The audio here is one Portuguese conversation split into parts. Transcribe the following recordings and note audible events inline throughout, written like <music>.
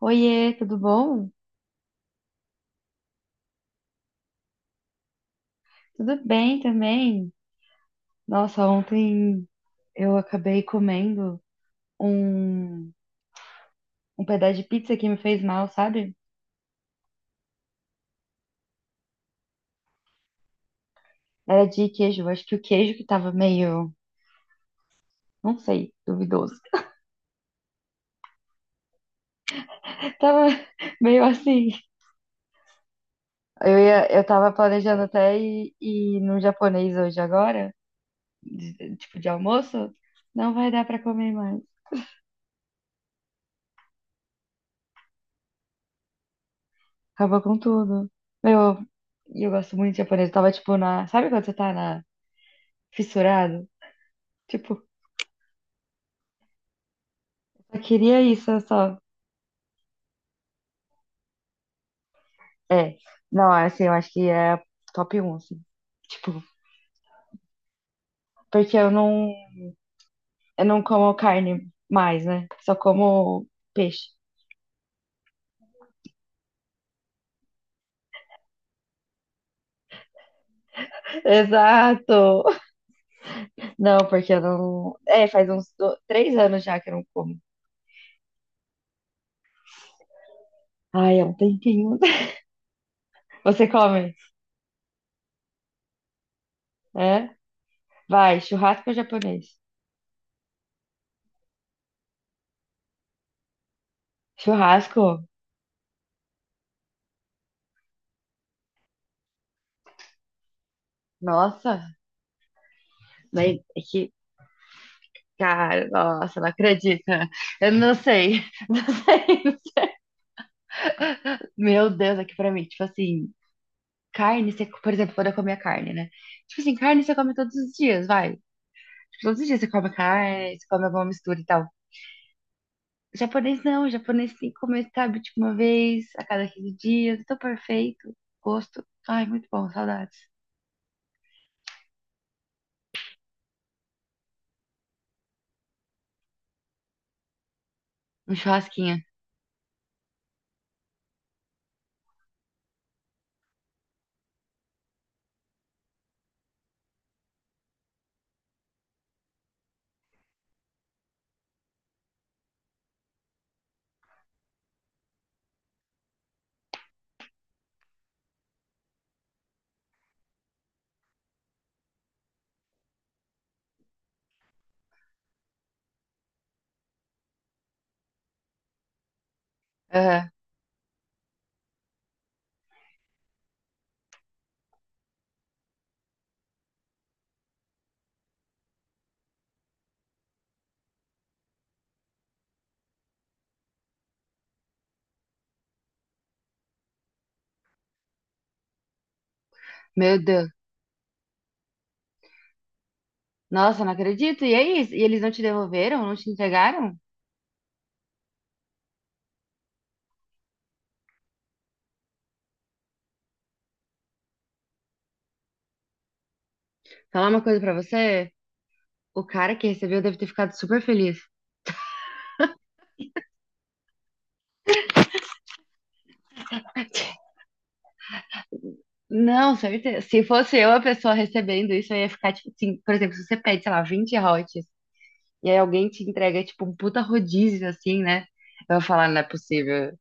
Oiê, tudo bom? Tudo bem também? Nossa, ontem eu acabei comendo um, um pedaço de pizza que me fez mal, sabe? Era de queijo, eu acho que o queijo que tava meio, não sei, duvidoso. <laughs> Tava meio assim. Eu tava planejando até ir no japonês hoje agora, tipo de almoço, não vai dar pra comer mais. Acabou com tudo. Meu, e eu gosto muito de japonês. Eu tava tipo na, sabe quando você tá na fissurado? Tipo, eu queria isso, eu só. É. Não, assim, eu acho que é a top um assim. Tipo, porque eu não como carne mais, né? Só como peixe. Exato! Não, porque eu não. É, faz uns 3 anos já que eu não como. Ai, é um tempinho. <laughs> Você come? É? Vai, churrasco ou japonês? Churrasco? Nossa! Mas é que. Cara, nossa, não acredita. Eu não sei. <laughs> Meu Deus, aqui pra mim, tipo assim. Carne, você, por exemplo, quando eu comia carne, né? Tipo assim, carne você come todos os dias, vai. Tipo, todos os dias você come carne, você come alguma mistura e tal. Japonês não, japonês tem que comer, sabe, tipo uma vez a cada 15 dias. Tô perfeito. Gosto. Ai, muito bom, saudades. Um churrasquinho. Aham. Meu Deus. Nossa, não acredito. E aí? E eles não te devolveram? Não te entregaram? Falar uma coisa pra você? O cara que recebeu deve ter ficado super feliz. <laughs> Não, certeza. Se fosse eu a pessoa recebendo isso, eu ia ficar, tipo, assim, por exemplo, se você pede, sei lá, 20 hotes, e aí alguém te entrega, tipo, um puta rodízio, assim, né? Eu ia falar, não é possível. Eu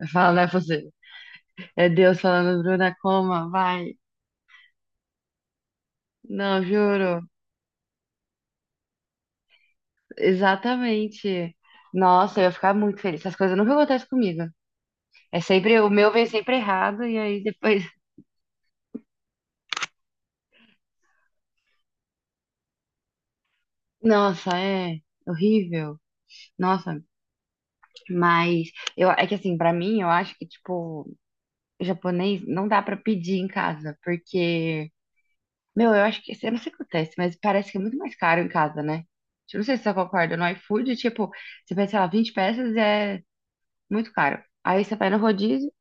ia falar, não é possível. É Deus falando, Bruna, coma, vai. Não, juro. Exatamente. Nossa, eu ia ficar muito feliz. Essas coisas nunca acontecem comigo. É sempre, o meu vem sempre errado, e aí depois. <laughs> Nossa, é horrível. Nossa, mas eu, é que assim, pra mim, eu acho que, tipo, japonês não dá pra pedir em casa, porque, meu, eu acho que, eu não sei o que acontece, mas parece que é muito mais caro em casa, né? Eu não sei se você concorda, no iFood, tipo, você pede, sei lá, 20 peças é muito caro. Aí você vai no rodízio,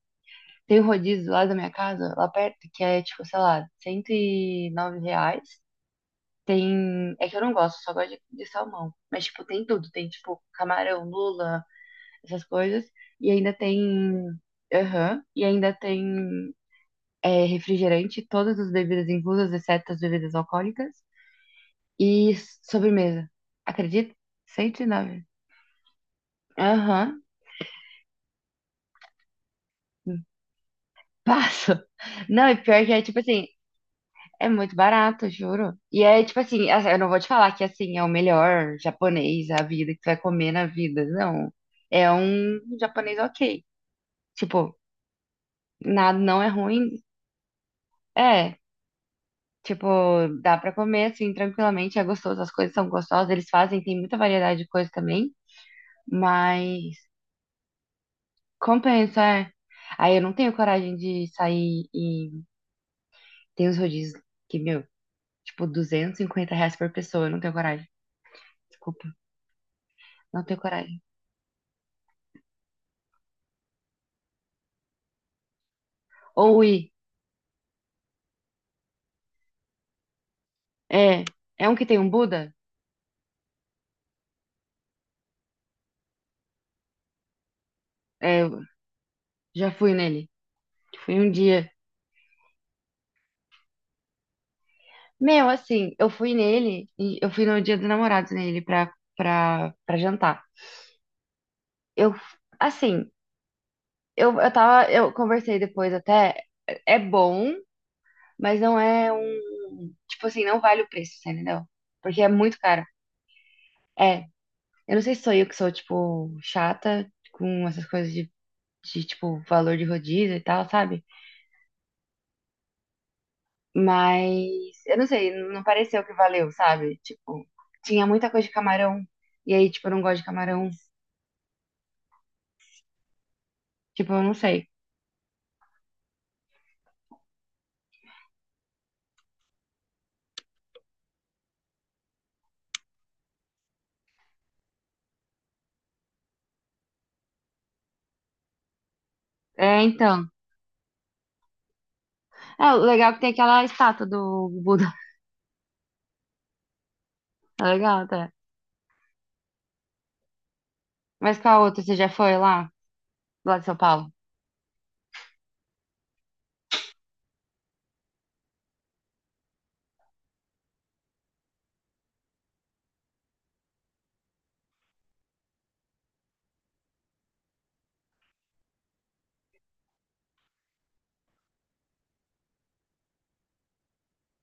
tem um rodízio lá da minha casa, lá perto, que é, tipo, sei lá, R$ 109. Tem, é que eu não gosto, só gosto de salmão. Mas, tipo, tem tudo, tem, tipo, camarão, lula, essas coisas. E ainda tem, aham, e ainda tem refrigerante, todas as bebidas inclusas, exceto as bebidas alcoólicas, e sobremesa. Acredita? 109. Aham, passa. Não, e pior que é tipo assim, é muito barato, juro. E é tipo assim, eu não vou te falar que assim é o melhor japonês, a vida que tu vai comer na vida. Não. É um japonês ok. Tipo, nada não é ruim. É, tipo, dá pra comer assim tranquilamente, é gostoso, as coisas são gostosas, eles fazem, tem muita variedade de coisas também. Mas compensa, é. Aí eu não tenho coragem de sair e tem os rodízios que, meu, tipo, R$ 250 por pessoa. Eu não tenho coragem. Desculpa, não tenho coragem. Ou ir. É, é, um que tem um Buda? É, eu já fui nele. Fui um dia. Meu, assim, eu fui nele e eu fui no dia dos namorados nele pra jantar. Eu, assim, eu conversei depois até. É bom, mas não é um. Tipo assim, não vale o preço, você entendeu? Porque é muito caro. É. Eu não sei se sou eu que sou, tipo, chata com essas coisas de, tipo, valor de rodízio e tal, sabe? Mas eu não sei, não pareceu que valeu, sabe? Tipo, tinha muita coisa de camarão. E aí, tipo, eu não gosto de camarão. Tipo, eu não sei. É, então. É, o legal é que tem aquela estátua do Buda. <laughs> É legal, tá? Mas qual outra? Você já foi lá? Lá de São Paulo?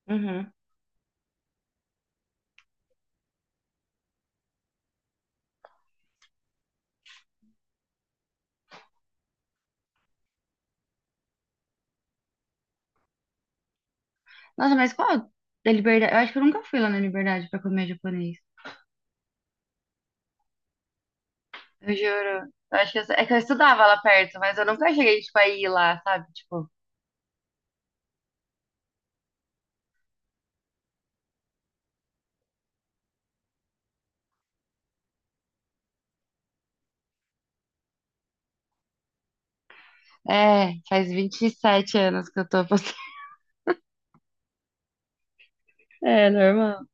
Uhum. Nossa, mas qual da Liberdade? Eu acho que eu nunca fui lá na Liberdade pra comer japonês. Eu juro. Eu acho que é que eu estudava lá perto, mas eu nunca cheguei, tipo, a ir lá, sabe? Tipo, é, faz 27 anos que eu tô passando. <laughs> É, normal.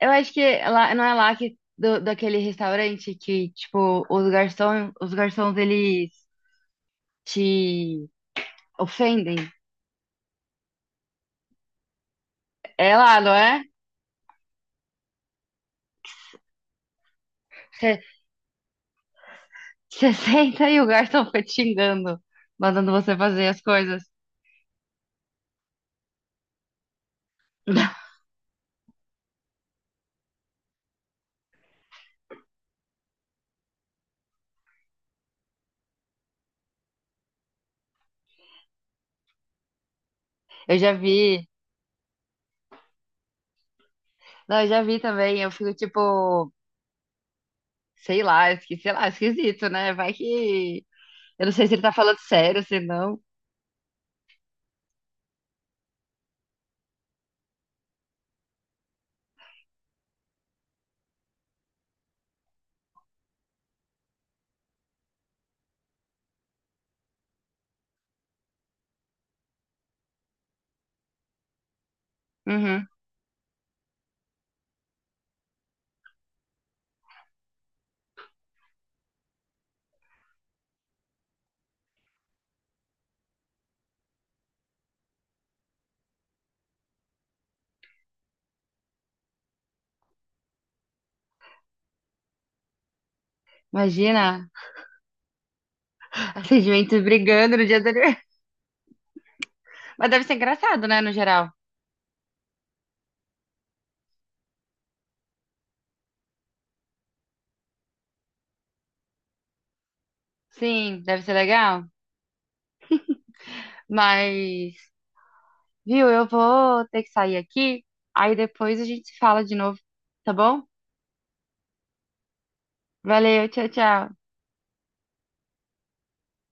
Eu acho que lá, não é lá que, daquele restaurante que, tipo, os garçons, eles te ofendem. É lá, não é? Você você <laughs> senta e o garçom fica te xingando, mandando você fazer as coisas. <laughs> Eu já vi Não, eu já vi também, eu fico tipo, sei lá, sei lá, esquisito, né? Vai que. Eu não sei se ele tá falando sério, se não. Uhum. Imagina, <laughs> atendimentos brigando no dia do aniversário. <laughs> Mas deve ser engraçado, né, no geral. Sim, deve ser legal. Mas, viu, eu vou ter que sair aqui, aí depois a gente se fala de novo, tá bom? Valeu, tchau, tchau.